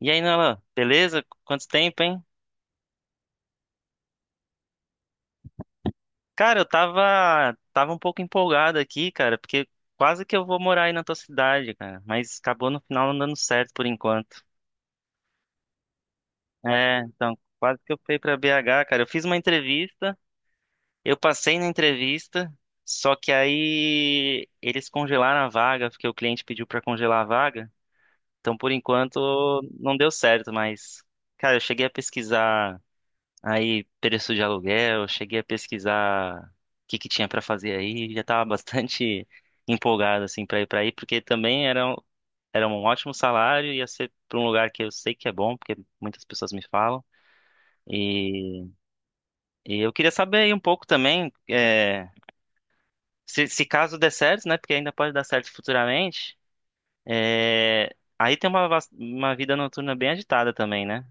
E aí, Nolan, beleza? Quanto tempo, hein? Cara, eu tava um pouco empolgado aqui, cara, porque quase que eu vou morar aí na tua cidade, cara, mas acabou no final não dando certo por enquanto. É, então, quase que eu fui pra BH, cara. Eu fiz uma entrevista, eu passei na entrevista, só que aí eles congelaram a vaga, porque o cliente pediu pra congelar a vaga. Então, por enquanto, não deu certo, mas, cara, eu cheguei a pesquisar aí, preço de aluguel, cheguei a pesquisar o que que tinha pra fazer aí, já tava bastante empolgado assim pra ir pra aí, porque também era um ótimo salário, ia ser pra um lugar que eu sei que é bom, porque muitas pessoas me falam. E, e eu queria saber aí um pouco também, é, se caso der certo, né, porque ainda pode dar certo futuramente, é, aí tem uma vida noturna bem agitada também, né?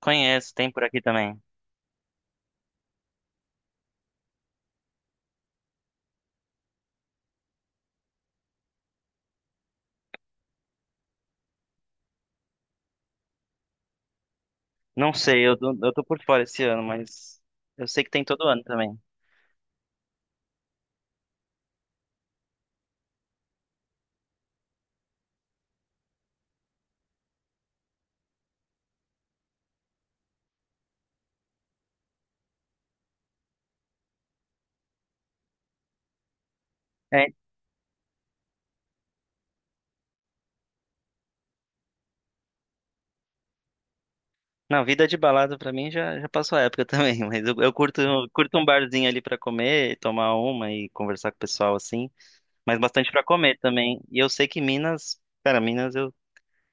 Conheço, tem por aqui também. Não sei, eu tô por fora esse ano, mas eu sei que tem todo ano também. É, não, vida de balada pra mim já passou a época também, mas eu curto um barzinho ali pra comer, tomar uma e conversar com o pessoal assim, mas bastante pra comer também. E eu sei que Minas, cara, Minas eu,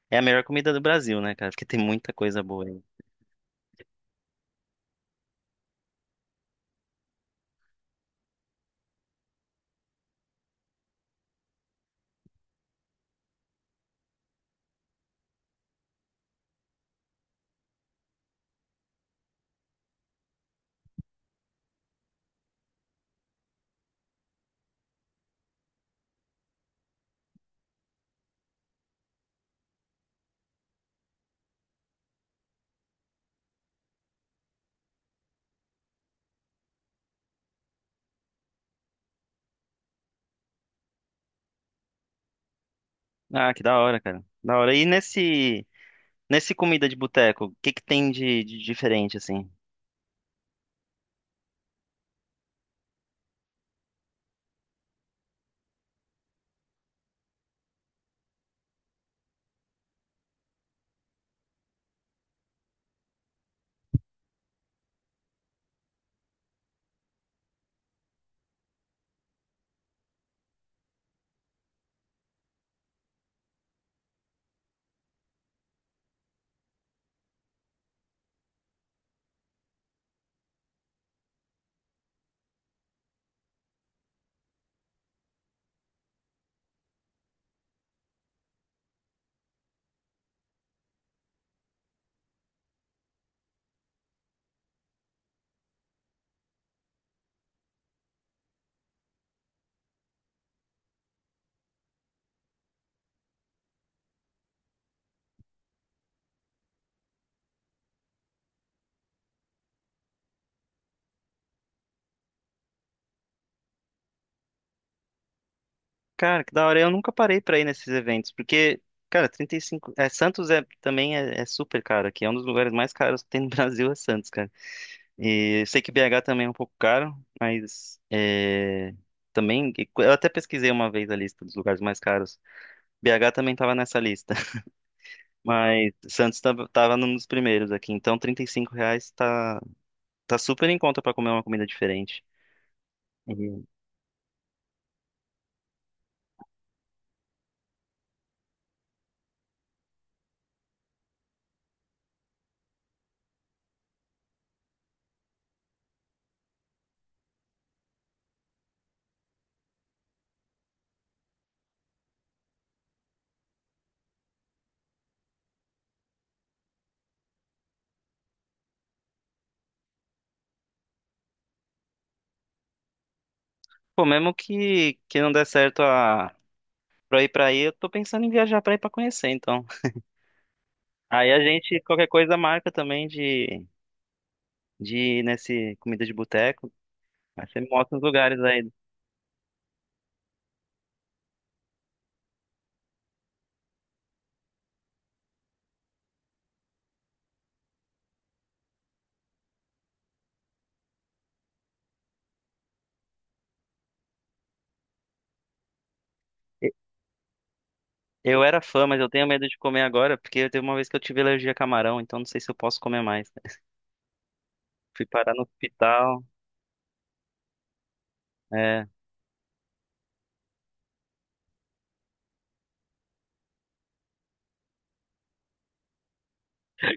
é a melhor comida do Brasil, né, cara? Porque tem muita coisa boa aí. Ah, que da hora, cara. Da hora. E nesse comida de boteco, o que que tem de diferente assim? Cara, que da hora. Eu nunca parei pra ir nesses eventos, porque, cara, 35. É, Santos é, também é, é super caro aqui. É um dos lugares mais caros que tem no Brasil, é Santos, cara. E eu sei que BH também é um pouco caro, mas é, também. Eu até pesquisei uma vez a lista dos lugares mais caros. BH também tava nessa lista, mas Santos tava, tava num dos primeiros aqui. Então, R$ 35 tá super em conta pra comer uma comida diferente. E, pô, mesmo que não dê certo pra eu ir pra aí, eu tô pensando em viajar pra ir pra conhecer, então. Aí a gente, qualquer coisa, marca também de ir nesse comida de boteco. Aí você me mostra os lugares aí. E- eu era fã, mas eu tenho medo de comer agora, porque teve uma vez que eu tive alergia a camarão, então não sei se eu posso comer mais. Fui parar no hospital. É,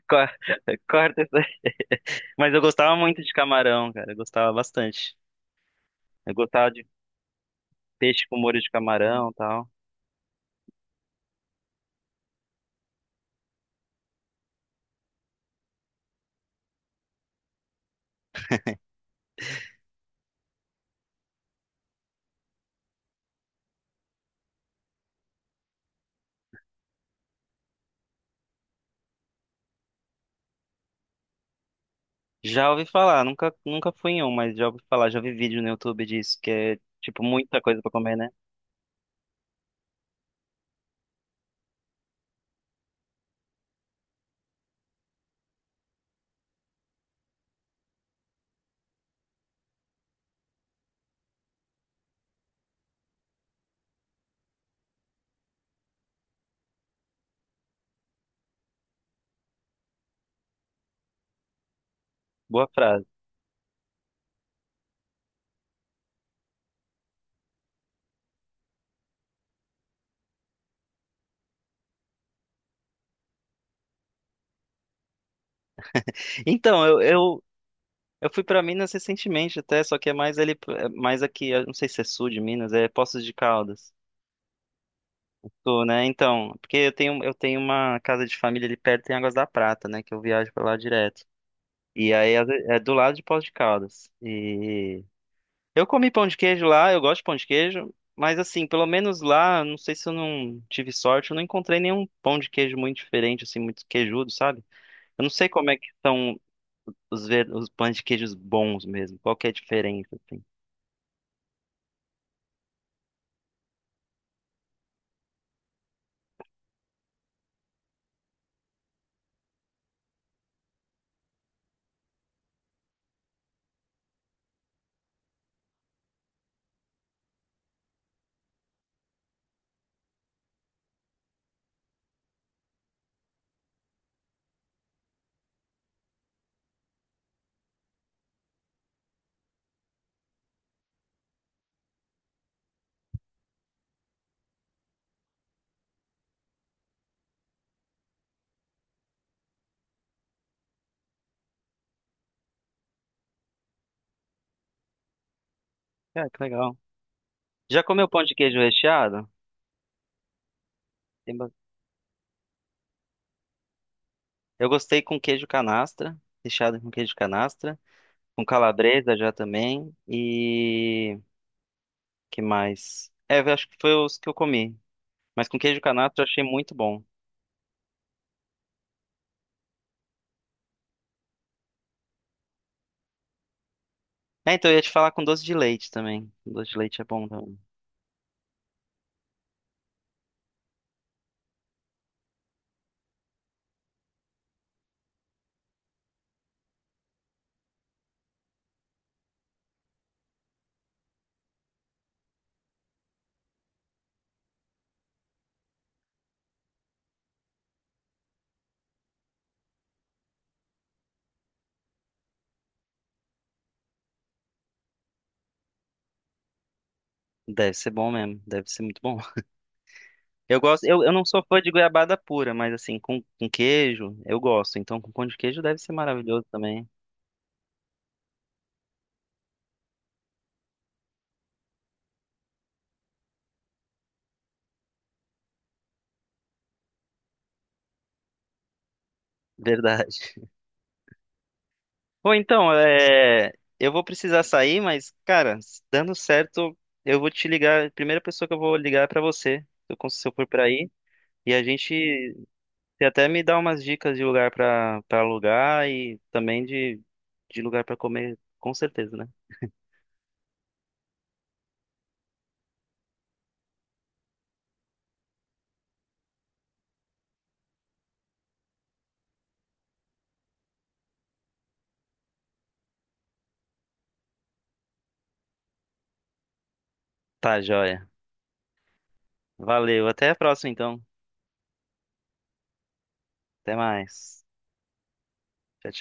cor- corta isso aí. Mas eu gostava muito de camarão, cara. Eu gostava bastante. Eu gostava de peixe com molho de camarão e tal. Já ouvi falar, nunca fui em um, mas já ouvi falar, já vi vídeo no YouTube disso, que é, tipo, muita coisa pra comer, né? Boa frase. Então, eu fui pra Minas recentemente até, só que é mais ali, é mais aqui, eu não sei se é sul de Minas, é Poços de Caldas. Sul, né? Então, porque eu tenho uma casa de família ali perto em Águas da Prata, né? Que eu viajo pra lá direto. E aí é do lado de Poços de Caldas. E eu comi pão de queijo lá, eu gosto de pão de queijo, mas assim, pelo menos lá, não sei se eu não tive sorte, eu não encontrei nenhum pão de queijo muito diferente, assim, muito queijudo, sabe? Eu não sei como é que são os, ver... os pães de queijos bons mesmo, qual que é a diferença, assim. Cara, que legal. Já comeu pão de queijo recheado? Tem ba- eu gostei com queijo canastra, recheado com queijo canastra, com calabresa já também, e... que mais? É, eu acho que foi os que eu comi, mas com queijo canastra eu achei muito bom. É, então eu ia te falar com doce de leite também. Doce de leite é bom também. Deve ser bom mesmo, deve ser muito bom. Eu gosto, eu não sou fã de goiabada pura, mas assim, com queijo, eu gosto. Então com pão de queijo deve ser maravilhoso também. Verdade. Bom, então, é, eu vou precisar sair, mas, cara, dando certo, eu vou te ligar. A primeira pessoa que eu vou ligar é pra você, se eu cons- se eu for por aí. E a gente você até me dá umas dicas de lugar pra, pra alugar e também de lugar pra comer, com certeza, né? Tá, joia. Valeu. Até a próxima, então. Até mais. Tchau, tchau.